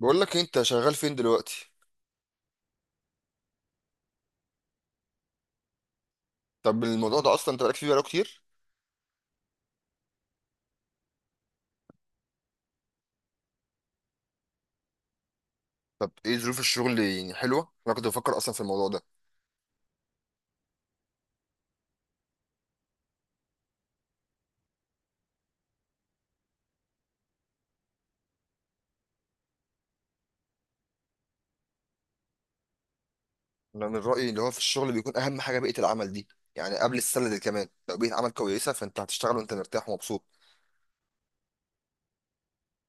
بقول لك إيه، انت شغال فين دلوقتي؟ طب الموضوع ده اصلا انت بقالك فيه بقاله كتير؟ طب ايه ظروف الشغل؟ يعني حلوه؟ انا كنت بفكر اصلا في الموضوع ده. انا من رايي اللي هو في الشغل بيكون اهم حاجه بيئه العمل دي. يعني قبل السلة دي كمان، لو بيئه عمل كويسه فانت هتشتغل وانت مرتاح ومبسوط.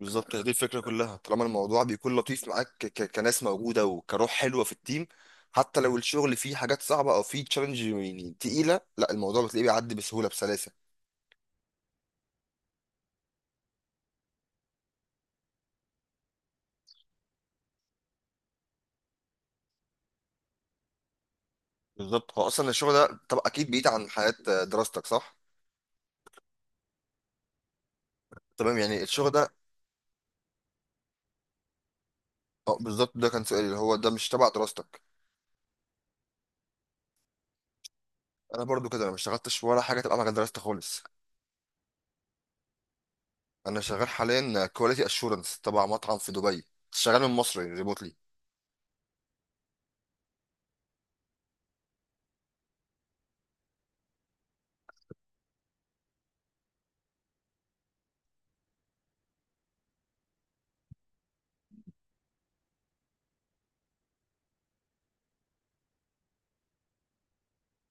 بالظبط، هي دي الفكره كلها. طالما الموضوع بيكون لطيف معاك كناس موجوده وكروح حلوه في التيم، حتى لو الشغل فيه حاجات صعبه او فيه تشالنج يعني تقيله، لا، الموضوع بتلاقيه بيعدي بسهوله بسلاسه. بالظبط، هو اصلا الشغل ده طب اكيد بعيد عن حياه دراستك، صح؟ تمام، يعني الشغل ده اه، بالظبط، ده كان سؤالي اللي هو ده مش تبع دراستك. انا برضو كده، انا ما اشتغلتش ولا حاجه تبع مجال دراستي خالص. انا شغال حاليا كواليتي اشورنس تبع مطعم في دبي. شغال من مصر ريموتلي.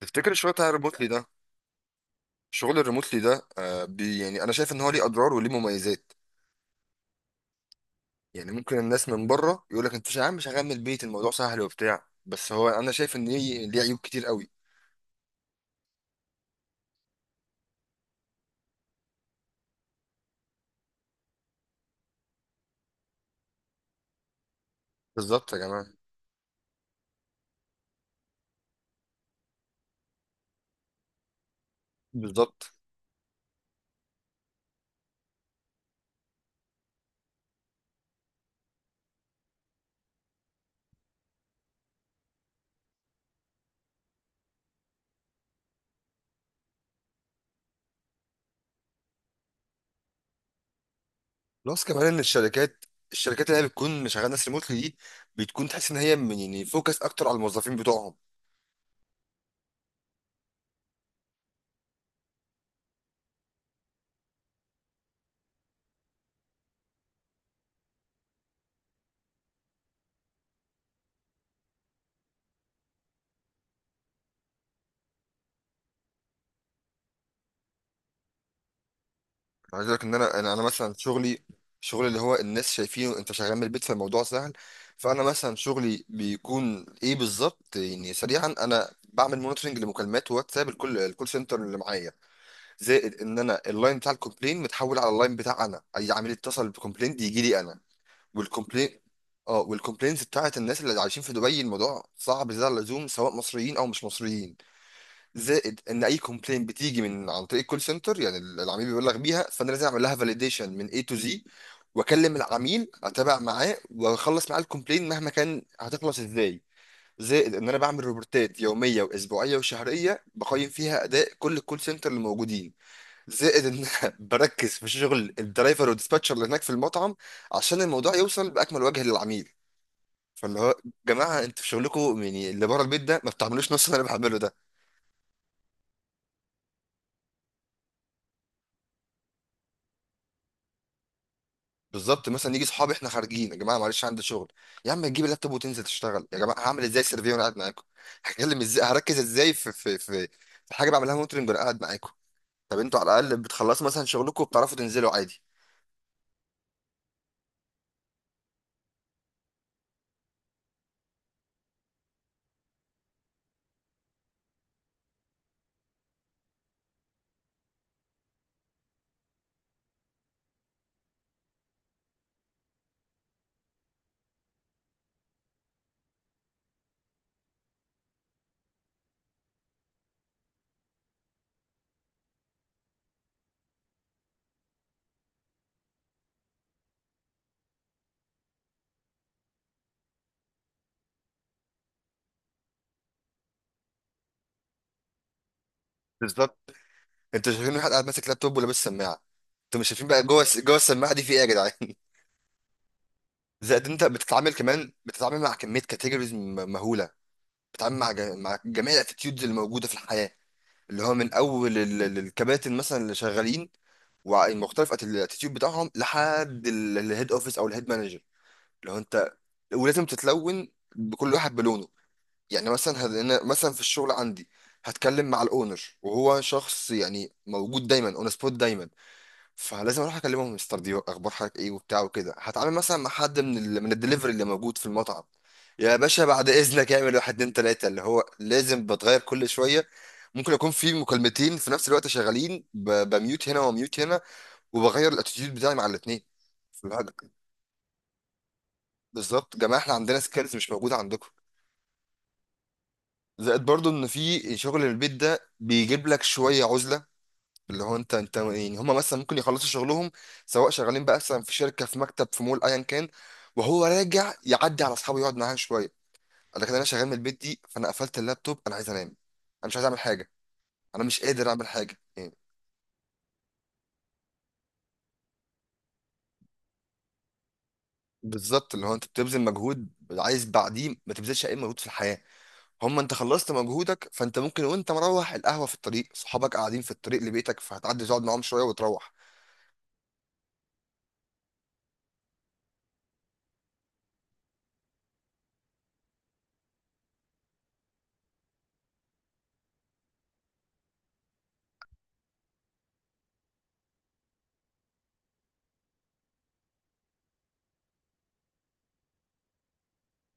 تفتكر الشغل بتاع الريموتلي ده؟ شغل الريموتلي ده، بي يعني انا شايف ان هو ليه اضرار وليه مميزات. يعني ممكن الناس من بره يقول لك انت يا عم شغال من البيت، الموضوع سهل وبتاع، بس هو انا شايف ان ليه عيوب كتير قوي. بالظبط يا جماعه. بالظبط. بلس كمان ان الشركات، اللي هي بتكون شغاله ناس ريموتلي دي بتكون تحس ان هي من، يعني، فوكس اكتر على الموظفين بتوعهم. أنا عايز اقول لك ان انا انا أنا مثلا شغلي، شغل اللي هو الناس شايفينه انت شغال من البيت فالموضوع سهل. فانا مثلا شغلي بيكون ايه بالظبط؟ يعني سريعا انا بعمل مونيتورنج لمكالمات واتساب الكول سنتر اللي معايا. زائد ان انا اللاين بتاع الكومبلين متحول على اللاين بتاع انا، اي عميل اتصل بكومبلين يجي لي انا. والكومبلين، اه، والكومبلينز بتاعت الناس اللي عايشين في دبي الموضوع صعب زيادة عن اللزوم، سواء مصريين او مش مصريين. زائد ان اي كومبلين بتيجي من عن طريق الكول سنتر، يعني العميل بيبلغ بيها، فانا لازم اعمل لها فاليديشن من A to Z، واكلم العميل، اتابع معاه واخلص معاه الكومبلين مهما كان هتخلص ازاي. زائد ان انا بعمل روبورتات يوميه واسبوعيه وشهريه، بقيم فيها اداء كل الكول سنتر اللي موجودين. زائد ان أنا بركز في شغل الدرايفر والديسباتشر اللي هناك في المطعم عشان الموضوع يوصل باكمل وجه للعميل. فاللي هو جماعه، انتوا في شغلكم يعني اللي بره البيت ده ما بتعملوش نفس اللي انا بعمله ده. بالظبط، مثلا يجي صحابي احنا خارجين، يا جماعه معلش عندي شغل. يا عم تجيب اللابتوب وتنزل تشتغل، يا جماعه هعمل ازاي سيرفي وانا قاعد معاكم هتكلم ازاي، هركز ازاي في حاجه بعملها مونترنج وانا قاعد معاكم؟ طب انتوا على الاقل بتخلصوا مثلا شغلكم وبتعرفوا تنزلوا عادي. بالظبط. انتوا شايفين واحد قاعد ماسك لابتوب ولابس سماعه، انتوا مش شايفين بقى جوه السماعه دي في ايه يا جدعان؟ زائد انت بتتعامل، كمان بتتعامل مع كميه كاتيجوريز مهوله. بتتعامل مع جميع الاتيتيودز اللي موجوده في الحياه، اللي هو من اول الكباتن مثلا اللي شغالين، ومختلف الاتيتيود بتاعهم لحد الهيد اوفيس او الهيد مانجر اللي هو انت. ولازم تتلون بكل واحد بلونه. يعني مثلا أنا مثلا في الشغل عندي، هتكلم مع الاونر وهو شخص يعني موجود دايما اون سبوت دايما. فلازم اروح اكلمهم مستر، دي اخبار حضرتك ايه وبتاع وكده. هتعامل مثلا مع حد من الدليفري اللي موجود في المطعم، يا باشا بعد اذنك اعمل واحد اتنين تلاته، اللي هو لازم بتغير كل شويه. ممكن يكون في مكالمتين في نفس الوقت شغالين بميوت هنا وميوت هنا، وبغير الاتيتيود بتاعي مع الاثنين. بالظبط. جماعه احنا عندنا سكيلز مش موجوده عندكم. زائد برضو ان في شغل البيت ده بيجيب لك شويه عزله. اللي هو انت يعني هم مثلا ممكن يخلصوا شغلهم، سواء شغالين بقى مثلا في شركه في مكتب في مول ايا كان، وهو راجع يعدي على اصحابه يقعد معاهم شويه. لكن انا شغال من البيت دي، فانا قفلت اللابتوب، انا عايز انام، انا مش عايز اعمل حاجه. انا مش قادر اعمل حاجه يعني. بالظبط. اللي هو انت بتبذل مجهود عايز بعديه ما تبذلش اي مجهود في الحياه. هم انت خلصت مجهودك، فانت ممكن وانت مروح القهوه في الطريق صحابك قاعدين في الطريق لبيتك، فهتعدي تقعد معاهم شويه وتروح.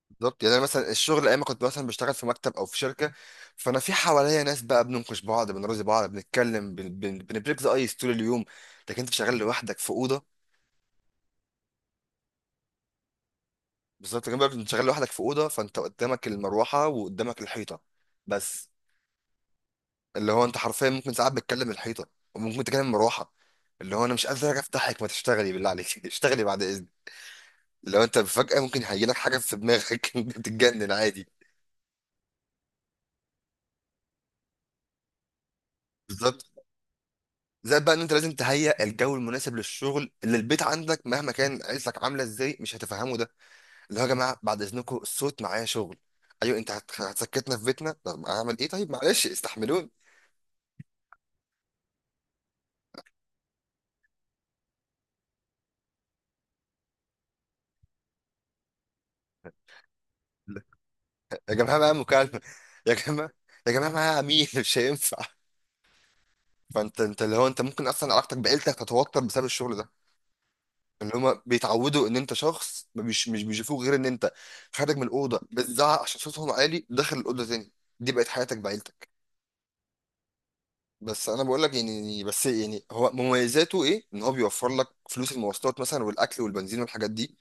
بالظبط. يعني انا مثلا الشغل ايام ما كنت مثلا بشتغل في مكتب او في شركه، فانا في حواليا ناس بقى بننقش بعض بنرازي بعض بنتكلم بنبريك ذا ايس طول اليوم. لكن انت شغال لوحدك في اوضه. بالظبط. كمان بقى انت شغال لوحدك في اوضه، فانت قدامك المروحه وقدامك الحيطه بس. اللي هو انت حرفيا ممكن ساعات بتكلم الحيطه، وممكن تكلم المروحه. اللي هو، انا مش قادر افتحك، ما تشتغلي بالله عليك اشتغلي بعد اذنك. لو انت فجاه ممكن هيجيلك حاجه في دماغك تتجنن عادي. بالظبط. زائد بقى ان انت لازم تهيئ الجو المناسب للشغل اللي البيت عندك، مهما كان عيلتك عامله ازاي مش هتفهموا ده. اللي هو يا جماعه بعد اذنكم الصوت، معايا شغل. ايوه، انت هتسكتنا في بيتنا؟ طب اعمل ايه؟ طيب معلش استحملوني. يا جماعه معايا مكالمه، يا جماعه، يا جماعه معايا عميل مش هينفع. فانت اللي هو انت ممكن اصلا علاقتك بعيلتك تتوتر بسبب الشغل ده، اللي هما بيتعودوا ان انت شخص مش بيشوفوك غير ان انت خارج من الاوضه بتزعق عشان صوتهم عالي، داخل الاوضه تاني. دي بقت حياتك بعيلتك. بس انا بقول لك، يعني بس يعني هو مميزاته ايه؟ ان هو بيوفر لك فلوس المواصلات مثلا والاكل والبنزين والحاجات دي.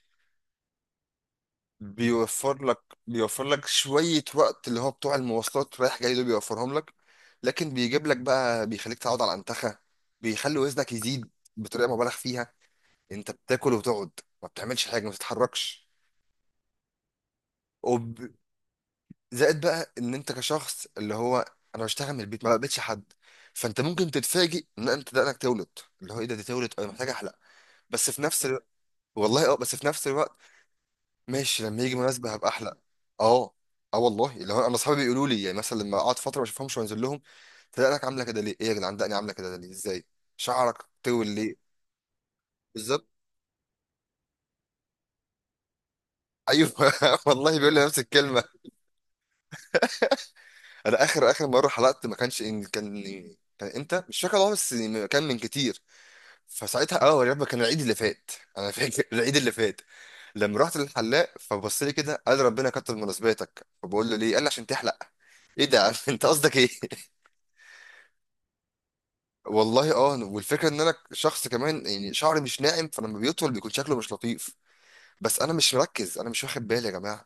بيوفر لك شويه وقت اللي هو بتوع المواصلات رايح جاي دول بيوفرهم لك. لكن بيجيب لك بقى، بيخليك تقعد على الانتخه، بيخلي وزنك يزيد بطريقه مبالغ فيها. انت بتاكل وتقعد، ما بتعملش حاجه، ما بتتحركش. وب... زائد بقى ان انت كشخص اللي هو، انا بشتغل من البيت ما بقابلش حد، فانت ممكن تتفاجئ ان انت دقنك تولد. اللي هو، ايه ده؟ دي تولد، انا محتاج احلق. بس في نفس الوقت، والله اه، بس في نفس الوقت، ماشي لما يجي مناسبة هبقى احلى. اه. اه والله، اللي هو انا اصحابي بيقولوا لي يعني مثلا لما اقعد فترة ما اشوفهمش وانزل لهم، تلاقيك عاملة كده ليه؟ ايه يا جدعان دقني عاملة كده ليه؟ ازاي؟ شعرك طول ليه؟ بالظبط. ايوه. والله بيقول لي نفس الكلمة. انا اخر اخر مرة حلقت ما كانش إن كان، كان امتى؟ مش فاكر والله، بس كان من كتير. فساعتها، يا رب كان العيد اللي فات. انا فاكر العيد اللي فات لما رحت للحلاق فبص لي كده قال ربنا كتر مناسباتك، فبقول له ليه؟ قال لي عشان تحلق. ايه ده يا عم؟ انت قصدك ايه؟ والله اه، والفكره ان انا شخص كمان يعني شعري مش ناعم، فلما بيطول بيكون شكله مش لطيف. بس انا مش مركز، انا مش واخد بالي يا جماعه.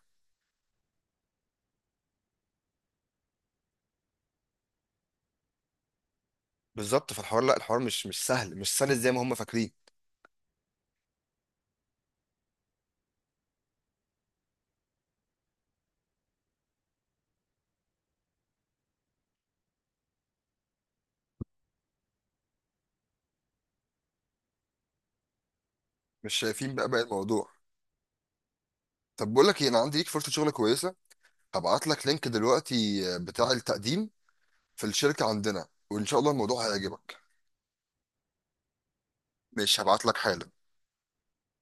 بالظبط. فالحوار، لا، الحوار مش سهل، مش سهل زي ما هم فاكرين. مش شايفين بقى الموضوع. طب بقول لك ايه، انا عندي ليك فرصه شغل كويسه، هبعت لك لينك دلوقتي بتاع التقديم في الشركه عندنا، وان شاء الله الموضوع هيعجبك. ماشي هبعت لك حالا.